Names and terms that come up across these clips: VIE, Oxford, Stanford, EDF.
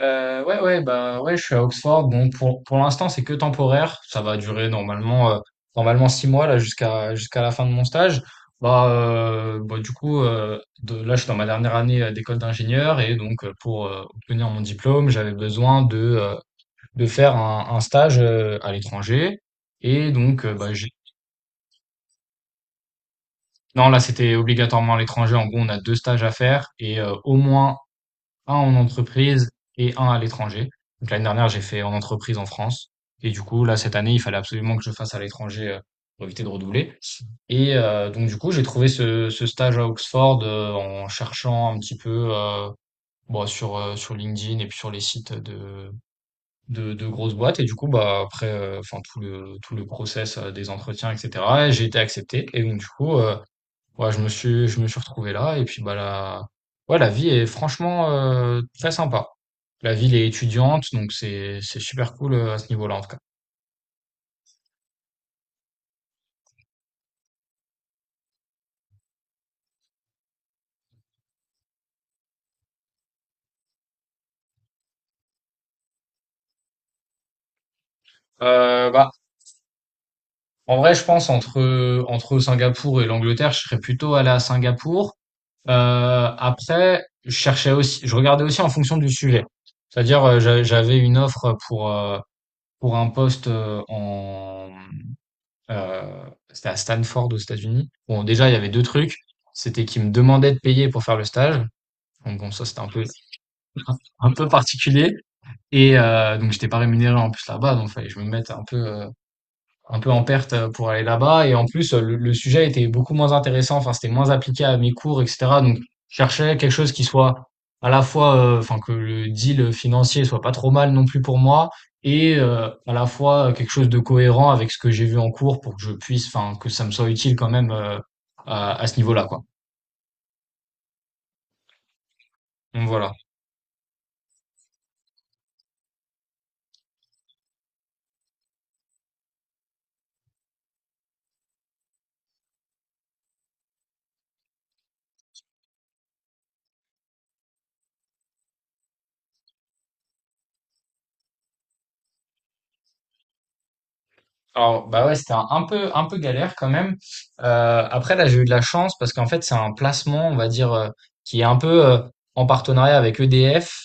Ouais, ouais, bah ouais, je suis à Oxford. Bon, pour l'instant, c'est que temporaire. Ça va durer normalement 6 mois là jusqu'à la fin de mon stage. Bah, bah du coup, là, je suis dans ma dernière année d'école d'ingénieur et donc pour obtenir mon diplôme, j'avais besoin de faire un stage à l'étranger. Et donc, bah, non, là, c'était obligatoirement à l'étranger. En gros, on a deux stages à faire et au moins un en entreprise et un à l'étranger. Donc l'année dernière, j'ai fait en entreprise en France. Et du coup, là, cette année, il fallait absolument que je fasse à l'étranger pour éviter de redoubler. Et donc, du coup, j'ai trouvé ce stage à Oxford en cherchant un petit peu bon, sur LinkedIn et puis sur les sites de grosses boîtes. Et du coup, bah, après, enfin, tout le process des entretiens, etc., j'ai été accepté. Et donc, du coup, ouais, je me suis retrouvé là et puis bah ouais, la vie est franchement très sympa. La ville est étudiante, donc c'est super cool à ce niveau-là en tout cas. Bah en vrai, je pense entre Singapour et l'Angleterre, je serais plutôt allé à Singapour. Après, je cherchais aussi, je regardais aussi en fonction du sujet. C'est-à-dire, j'avais une offre pour un poste en c'était à Stanford aux États-Unis. Bon, déjà, il y avait 2 trucs, c'était qu'ils me demandaient de payer pour faire le stage, donc bon, ça, c'était un peu particulier et donc j'étais pas rémunéré en plus là-bas, donc fallait que je me mette un peu en perte pour aller là-bas. Et en plus, le sujet était beaucoup moins intéressant. Enfin, c'était moins appliqué à mes cours, etc. Donc, je cherchais quelque chose qui soit à la fois, enfin, que le deal financier soit pas trop mal non plus pour moi, et à la fois quelque chose de cohérent avec ce que j'ai vu en cours pour que je puisse, enfin, que ça me soit utile quand même à ce niveau-là, quoi. Donc voilà. Alors, bah ouais, c'était un peu galère quand même. Après, là, j'ai eu de la chance parce qu'en fait, c'est un placement, on va dire, qui est un peu en partenariat avec EDF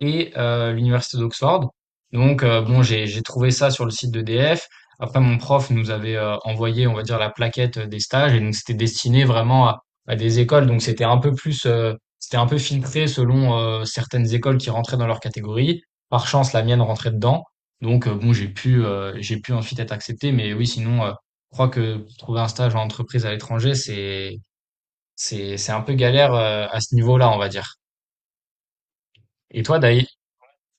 et l'université d'Oxford. Donc bon, j'ai trouvé ça sur le site de d'EDF. Après, mon prof nous avait envoyé, on va dire, la plaquette des stages et donc c'était destiné vraiment à des écoles. Donc c'était un peu filtré selon certaines écoles qui rentraient dans leur catégorie. Par chance, la mienne rentrait dedans. Donc bon, j'ai pu ensuite être accepté. Mais oui, sinon, je crois que trouver un stage en entreprise à l'étranger, c'est un peu galère à ce niveau-là, on va dire. Et toi, d'ailleurs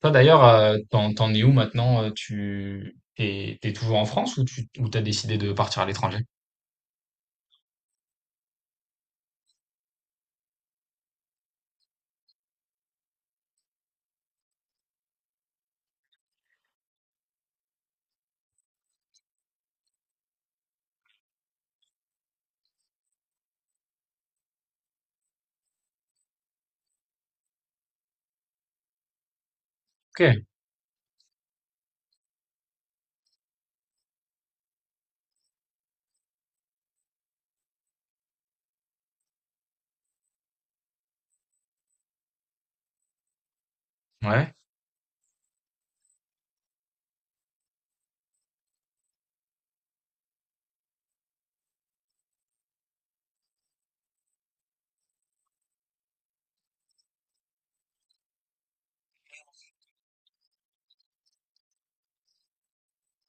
toi d'ailleurs, t'en es où maintenant? T'es toujours en France ou tu ou t'as décidé de partir à l'étranger? Ok, ouais,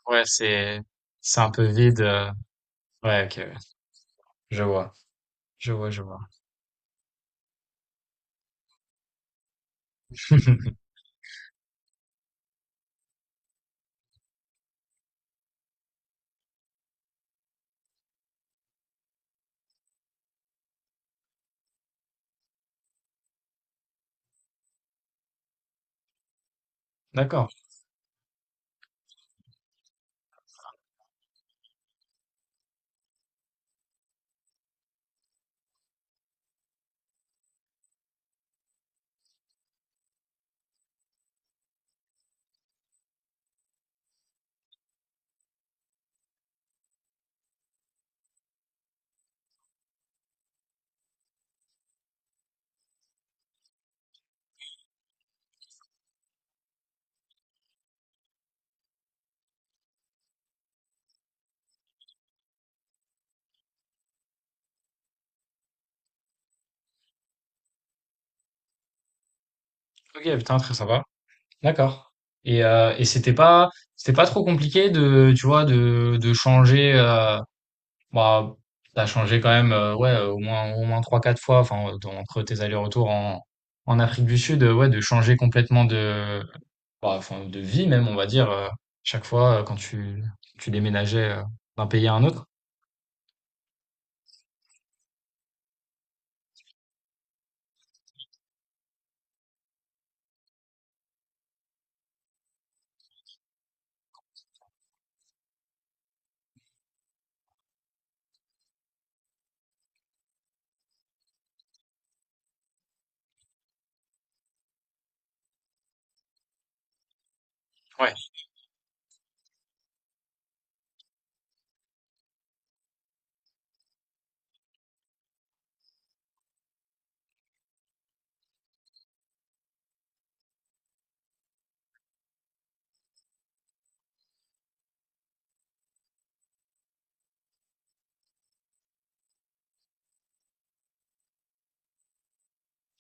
ouais, c'est un peu vide. Ouais, ok, je vois, je vois, je vois. D'accord. Ok, putain, très sympa. D'accord. Et c'était pas trop compliqué de tu vois de changer. Bah t'as changé quand même ouais au moins trois quatre fois enfin entre tes allers-retours en Afrique du Sud ouais de changer complètement de Bah, enfin, de vie même, on va dire, chaque fois, quand tu déménageais, d'un pays à un autre? Ouais,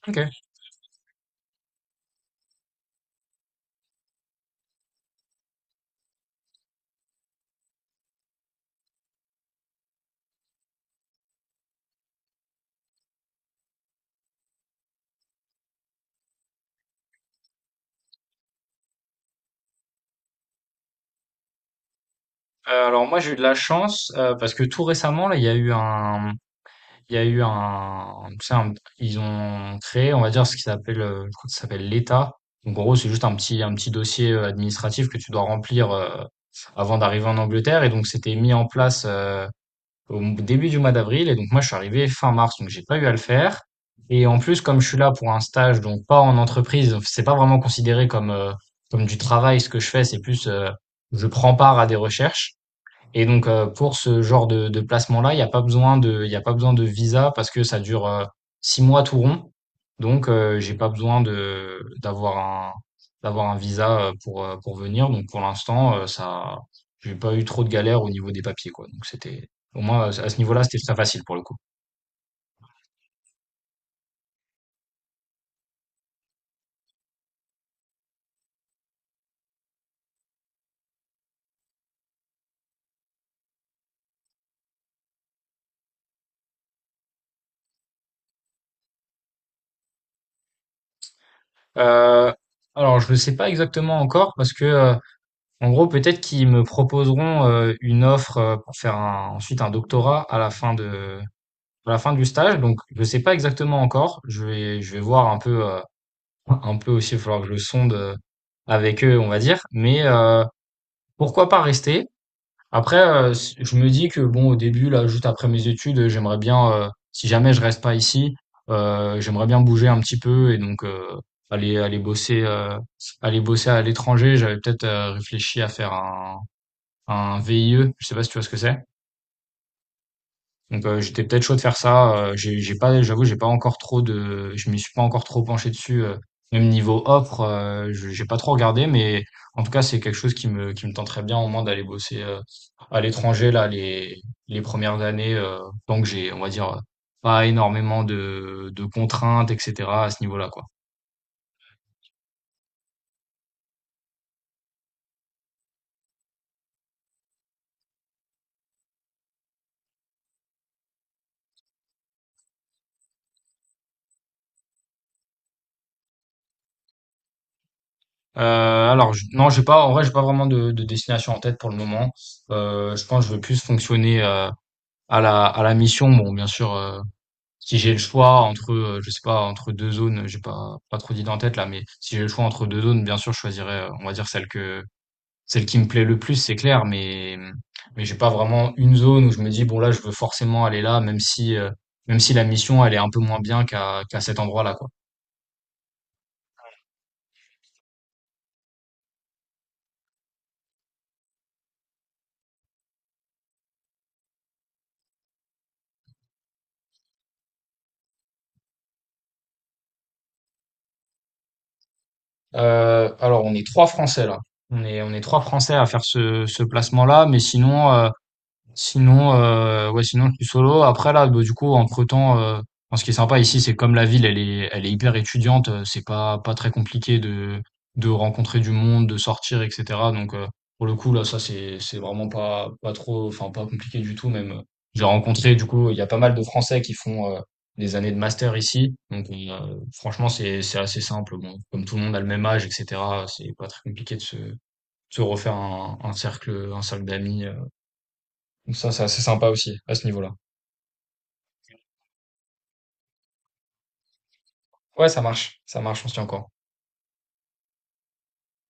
OK. Alors moi, j'ai eu de la chance, parce que tout récemment, là, il y a eu un il y a eu un tu sais, un ils ont créé, on va dire, ce qui s'appelle, je crois que ça s'appelle l'État. Donc en gros, c'est juste un petit dossier, administratif que tu dois remplir, avant d'arriver en Angleterre et donc c'était mis en place, début du mois d'avril. Et donc moi, je suis arrivé fin mars, donc j'ai pas eu à le faire. Et en plus, comme je suis là pour un stage, donc pas en entreprise, c'est pas vraiment considéré comme du travail ce que je fais, c'est plus je prends part à des recherches. Et donc, pour ce genre de placement-là, il y a pas besoin de il y a pas besoin de visa parce que ça dure, 6 mois tout rond. Donc, j'ai pas besoin de d'avoir un visa, pour venir. Donc pour l'instant, ça j'ai pas eu trop de galères au niveau des papiers, quoi. Donc c'était au moins, à ce niveau-là, c'était très facile pour le coup. Heu, alors je ne sais pas exactement encore parce que, en gros, peut-être qu'ils me proposeront une offre pour faire ensuite un doctorat à la fin du stage. Donc, je sais pas exactement encore. Je vais voir un peu aussi. Il va falloir que je sonde avec eux, on va dire. Mais pourquoi pas rester? Après, je me dis que bon, au début, là, juste après mes études, j'aimerais bien, si jamais je reste pas ici, j'aimerais bien bouger un petit peu et donc aller, aller bosser, euh, aller bosser à l'étranger. J'avais peut-être réfléchi à faire un VIE, je sais pas si tu vois ce que c'est. Donc j'étais peut-être chaud de faire ça. J'ai pas, j'avoue, j'ai pas encore trop de, je m'y suis pas encore trop penché dessus. Même niveau offre, j'ai pas trop regardé, mais en tout cas c'est quelque chose qui me tenterait bien au moins d'aller bosser à l'étranger là les premières années. Tant que j'ai, on va dire, pas énormément de contraintes, etc. à ce niveau-là quoi. Alors non, j'ai pas vraiment de destination en tête pour le moment. Je pense que je veux plus fonctionner à la mission. Bon, bien sûr, si j'ai le choix entre je sais pas entre deux zones, j'ai pas trop d'idées en tête là, mais si j'ai le choix entre deux zones, bien sûr, je choisirais on va dire celle qui me plaît le plus, c'est clair, mais j'ai pas vraiment une zone où je me dis bon là, je veux forcément aller là, même si la mission elle est un peu moins bien qu'à cet endroit-là quoi. Alors, on est trois Français là. On est trois Français à faire ce placement-là, mais sinon, Sinon, ouais, sinon je suis solo. Après là, bah, du coup, entre-temps, enfin, ce qui est sympa ici, c'est que comme la ville, elle est hyper étudiante, c'est pas très compliqué de rencontrer du monde, de sortir, etc. Donc pour le coup, là, c'est vraiment pas trop, enfin pas compliqué du tout. Même j'ai rencontré, du coup, il y a pas mal de Français qui font des années de master ici. Donc franchement, c'est assez simple. Bon, comme tout le monde a le même âge, etc. C'est pas très compliqué de se refaire un cercle d'amis. Donc ça, c'est assez sympa aussi à ce niveau-là. Ouais, ça marche, on se tient encore.